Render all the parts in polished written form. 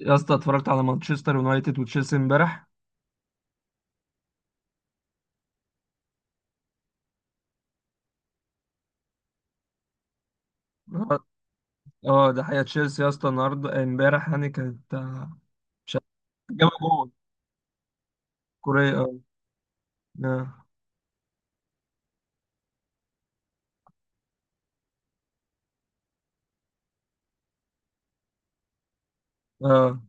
يا اسطى اتفرجت على مانشستر يونايتد وتشيلسي امبارح. اه. ده حقيقة. تشيلسي يا اسطى النهارده، امبارح يعني كانت، مش عارف، جابوا جول. كوريا، اه. اه. آه،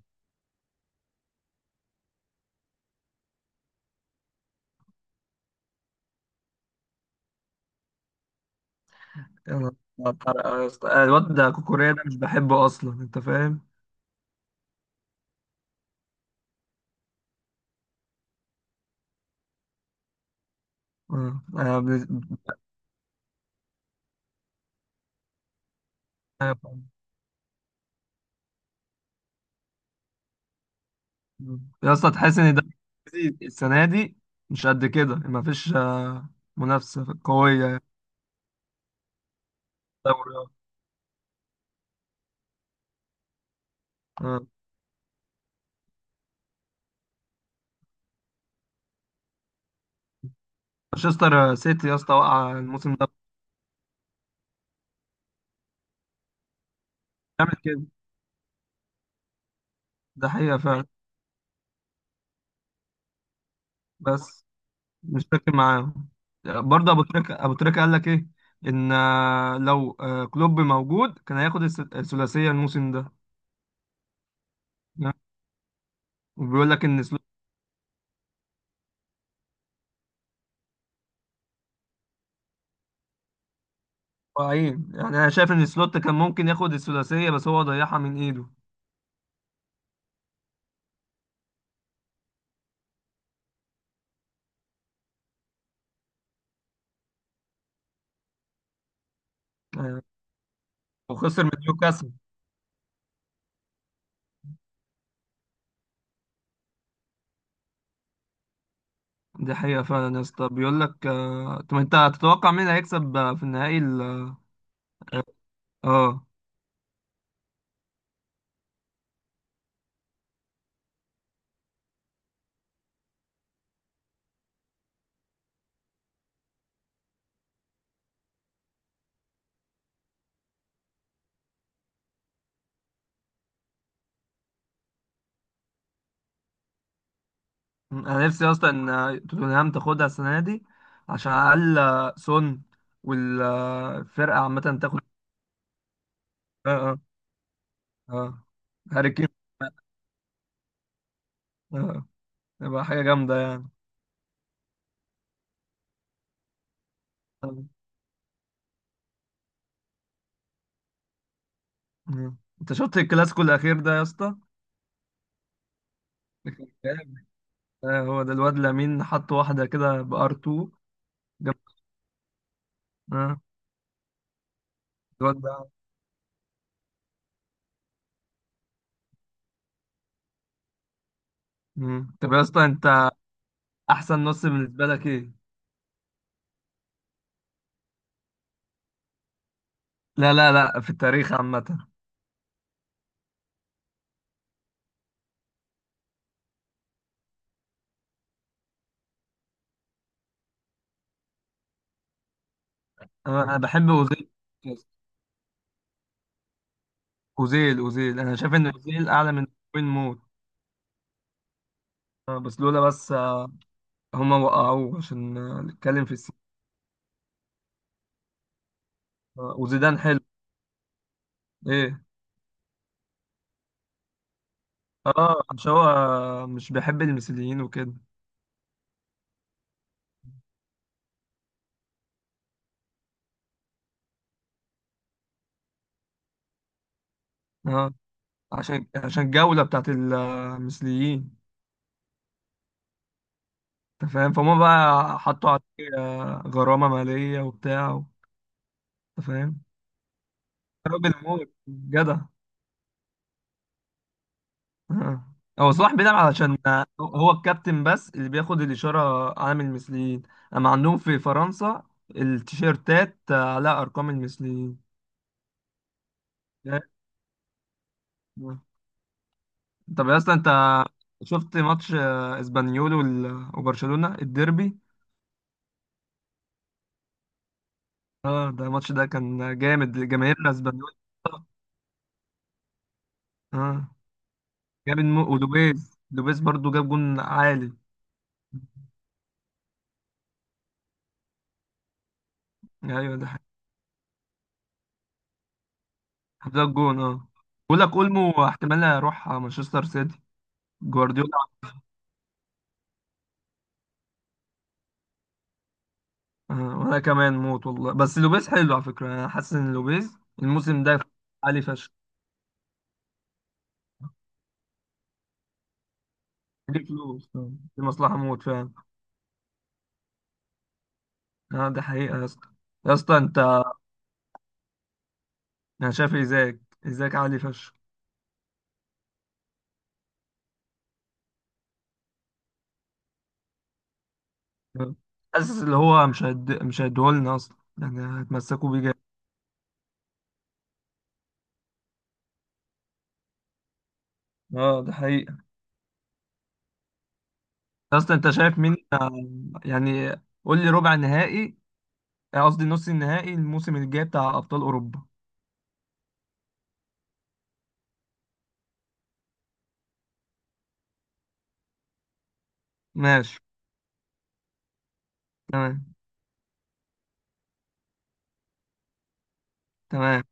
يا نهار أبيض يا اسطى. الواد ده كوكوريا ده مش بحبه اصلا، انت فاهم. اه. يا اسطى تحس ان ده السنة دي مش قد كده، مفيش منافسة قوية يعني. في الدوري، آه. آه. مانشستر سيتي يا اسطى وقع الموسم ده. بيعمل كده. ده حقيقة فعلا. بس مش فاكر معاهم. برضه ابو تريكه، ابو تريكه قال لك ايه؟ ان، لو كلوب موجود كان هياخد الثلاثيه الموسم ده. وبيقول لك ان سلوت ضايعين يعني. انا شايف ان سلوت كان ممكن ياخد الثلاثيه، بس هو ضيعها من ايده، آه، وخسر من نيوكاسل. دي حقيقه فعلا يا اسطى. بيقول لك، طب انت هتتوقع مين هيكسب في النهائي اه. آه. انا نفسي اصلا ان توتنهام تاخدها السنه دي، عشان على الاقل سون والفرقه عامه تاخد. آه. آه. اه. هاري كين، اه. تبقى حاجة جامدة يعني. آه. آه. انت شفت الكلاسيكو الأخير ده يا اسطى؟ ده كان جامد. آه، هو ده الواد لامين حط واحدة كده بار 2. جامد. اه الواد ده. مم. طب يا اسطى انت، أحسن نص بالنسبة لك ايه؟ لا لا لا، في التاريخ عامة. أنا بحب أوزيل. أوزيل، أوزيل. أنا شايف إن أوزيل أعلى من، وين موت. آه، بس لولا بس آه، هما وقعوه عشان نتكلم في السياسة. آه، وزيدان حلو. ايه؟ اه عشان هو مش بيحب المثليين وكده. اه، عشان الجولة بتاعت المثليين. انت فاهم. فهم بقى، حطوا عليه غرامة مالية وبتاع. انت فاهم. راجل موت، جدع. اه. هو صلاح بيلعب علشان هو الكابتن، بس اللي بياخد الإشارة عامل المثليين. اما عندهم في فرنسا، التيشيرتات عليها أرقام المثليين. آه، طب يا اسطى انت شفت ماتش اسبانيول وبرشلونة الديربي؟ اه، ده الماتش ده كان جامد. جماهيرنا اسبانيول. اه جامد. مو ودوبيز، دوبيز برضو جاب جون عالي. ايوه ده حقيقي. حط لك جون، اه. بقول لك اولمو احتمال يروح مانشستر سيتي. جوارديولا. آه وانا كمان موت والله. بس لوبيز حلو على فكره. انا حاسس ان لوبيز الموسم ده عالي فشخ. دي فلوس، دي مصلحه موت فعلا. اه ده حقيقه يا اسطى. يا اسطى انت، انا شايف ازاك. ازاك عالي فشخ. آه. حاسس اللي هو مش هيد مش هيديهولنا اصلا يعني، هتمسكوا بيه جامد. اه ده حقيقي. اصلا انت شايف مين يعني؟ قول لي ربع نهائي، قصدي نص النهائي الموسم الجاي بتاع ابطال اوروبا. ماشي. تمام. تمام.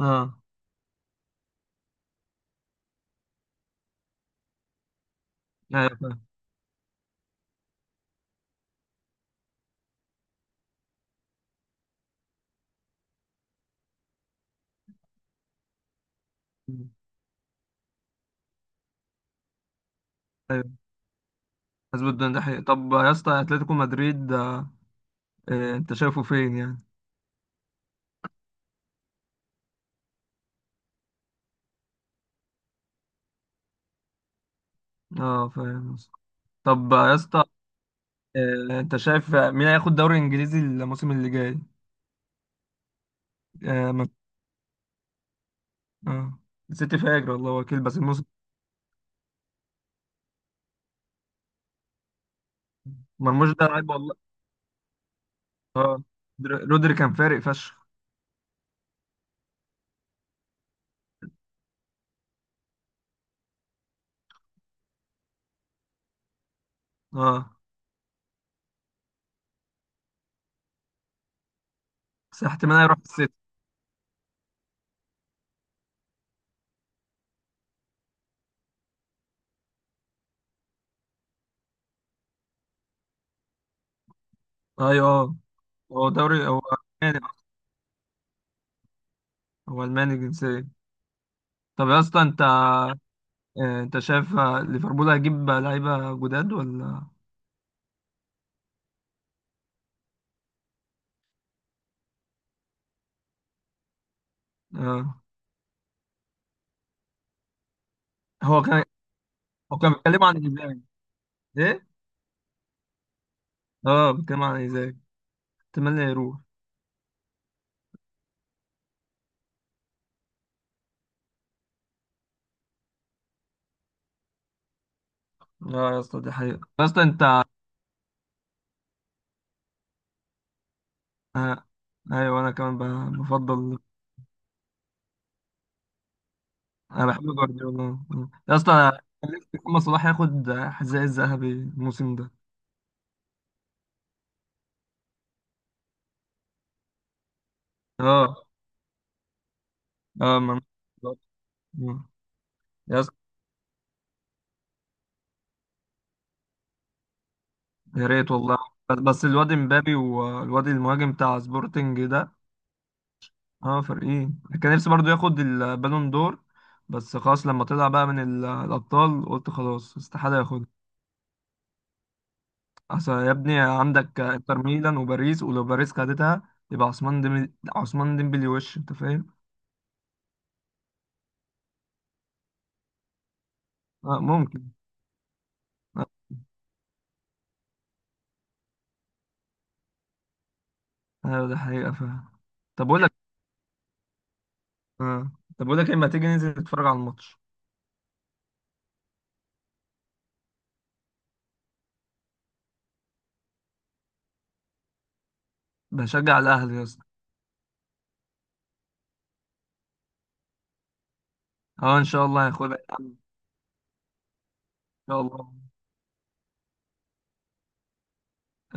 اه. ايوه فاهم. ايوه حسب الدنيا، ده حقيقي. طب يا اسطى اتلتيكو مدريد انت شايفه فين يعني؟ اه فاهم يا اسطى. طب يا اسطى، انت شايف مين هياخد دوري انجليزي الموسم اللي جاي؟ اه. آه. السيتي فاجر والله وكيل، بس الموسم. مرموش ده لعيب والله. اه. رودري كان فارق فشخ. اه، بس احتمال هيروح السيتي. ايوه آه. هو دوري، هو الماني أصلاً، هو الماني الجنسية. طب يا اسطى انت، انت شايف ليفربول هيجيب لعيبة جداد ولا؟ آه. هو كان، هو كان بيتكلم عن ايزاك. ايه؟ اه بيتكلم عن ايزاك. اتمنى يروح. اه يا اسطى دي حقيقة. يا اسطى انت. آه. ايوه انا كمان بفضل. انا بحب جوارديولا. آه. يا اسطى أنا كان نفسي محمد صلاح ياخد حذاء الذهبي الموسم ده. اه. اه. آه. يا اسطى. يا ريت والله. بس بس الواد امبابي والواد المهاجم بتاع سبورتنج ده. اه، فريقين كان نفسي برضو ياخد البالون دور، بس خلاص لما طلع بقى من الابطال قلت خلاص استحاله ياخد. اصل يا ابني عندك انتر ميلان وباريس، ولو باريس خدتها يبقى عثمان ديمبلي، عثمان ديمبلي. وش انت فاهم. اه ممكن. اه، ده حقيقه فاهم. طب اقول لك، اه، طب اقول لك اما تيجي ننزل نتفرج على الماتش. بشجع الاهلي يا اسطى. اه ان شاء الله هياخدها يا عم، ان شاء الله.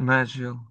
ماشي، يلا.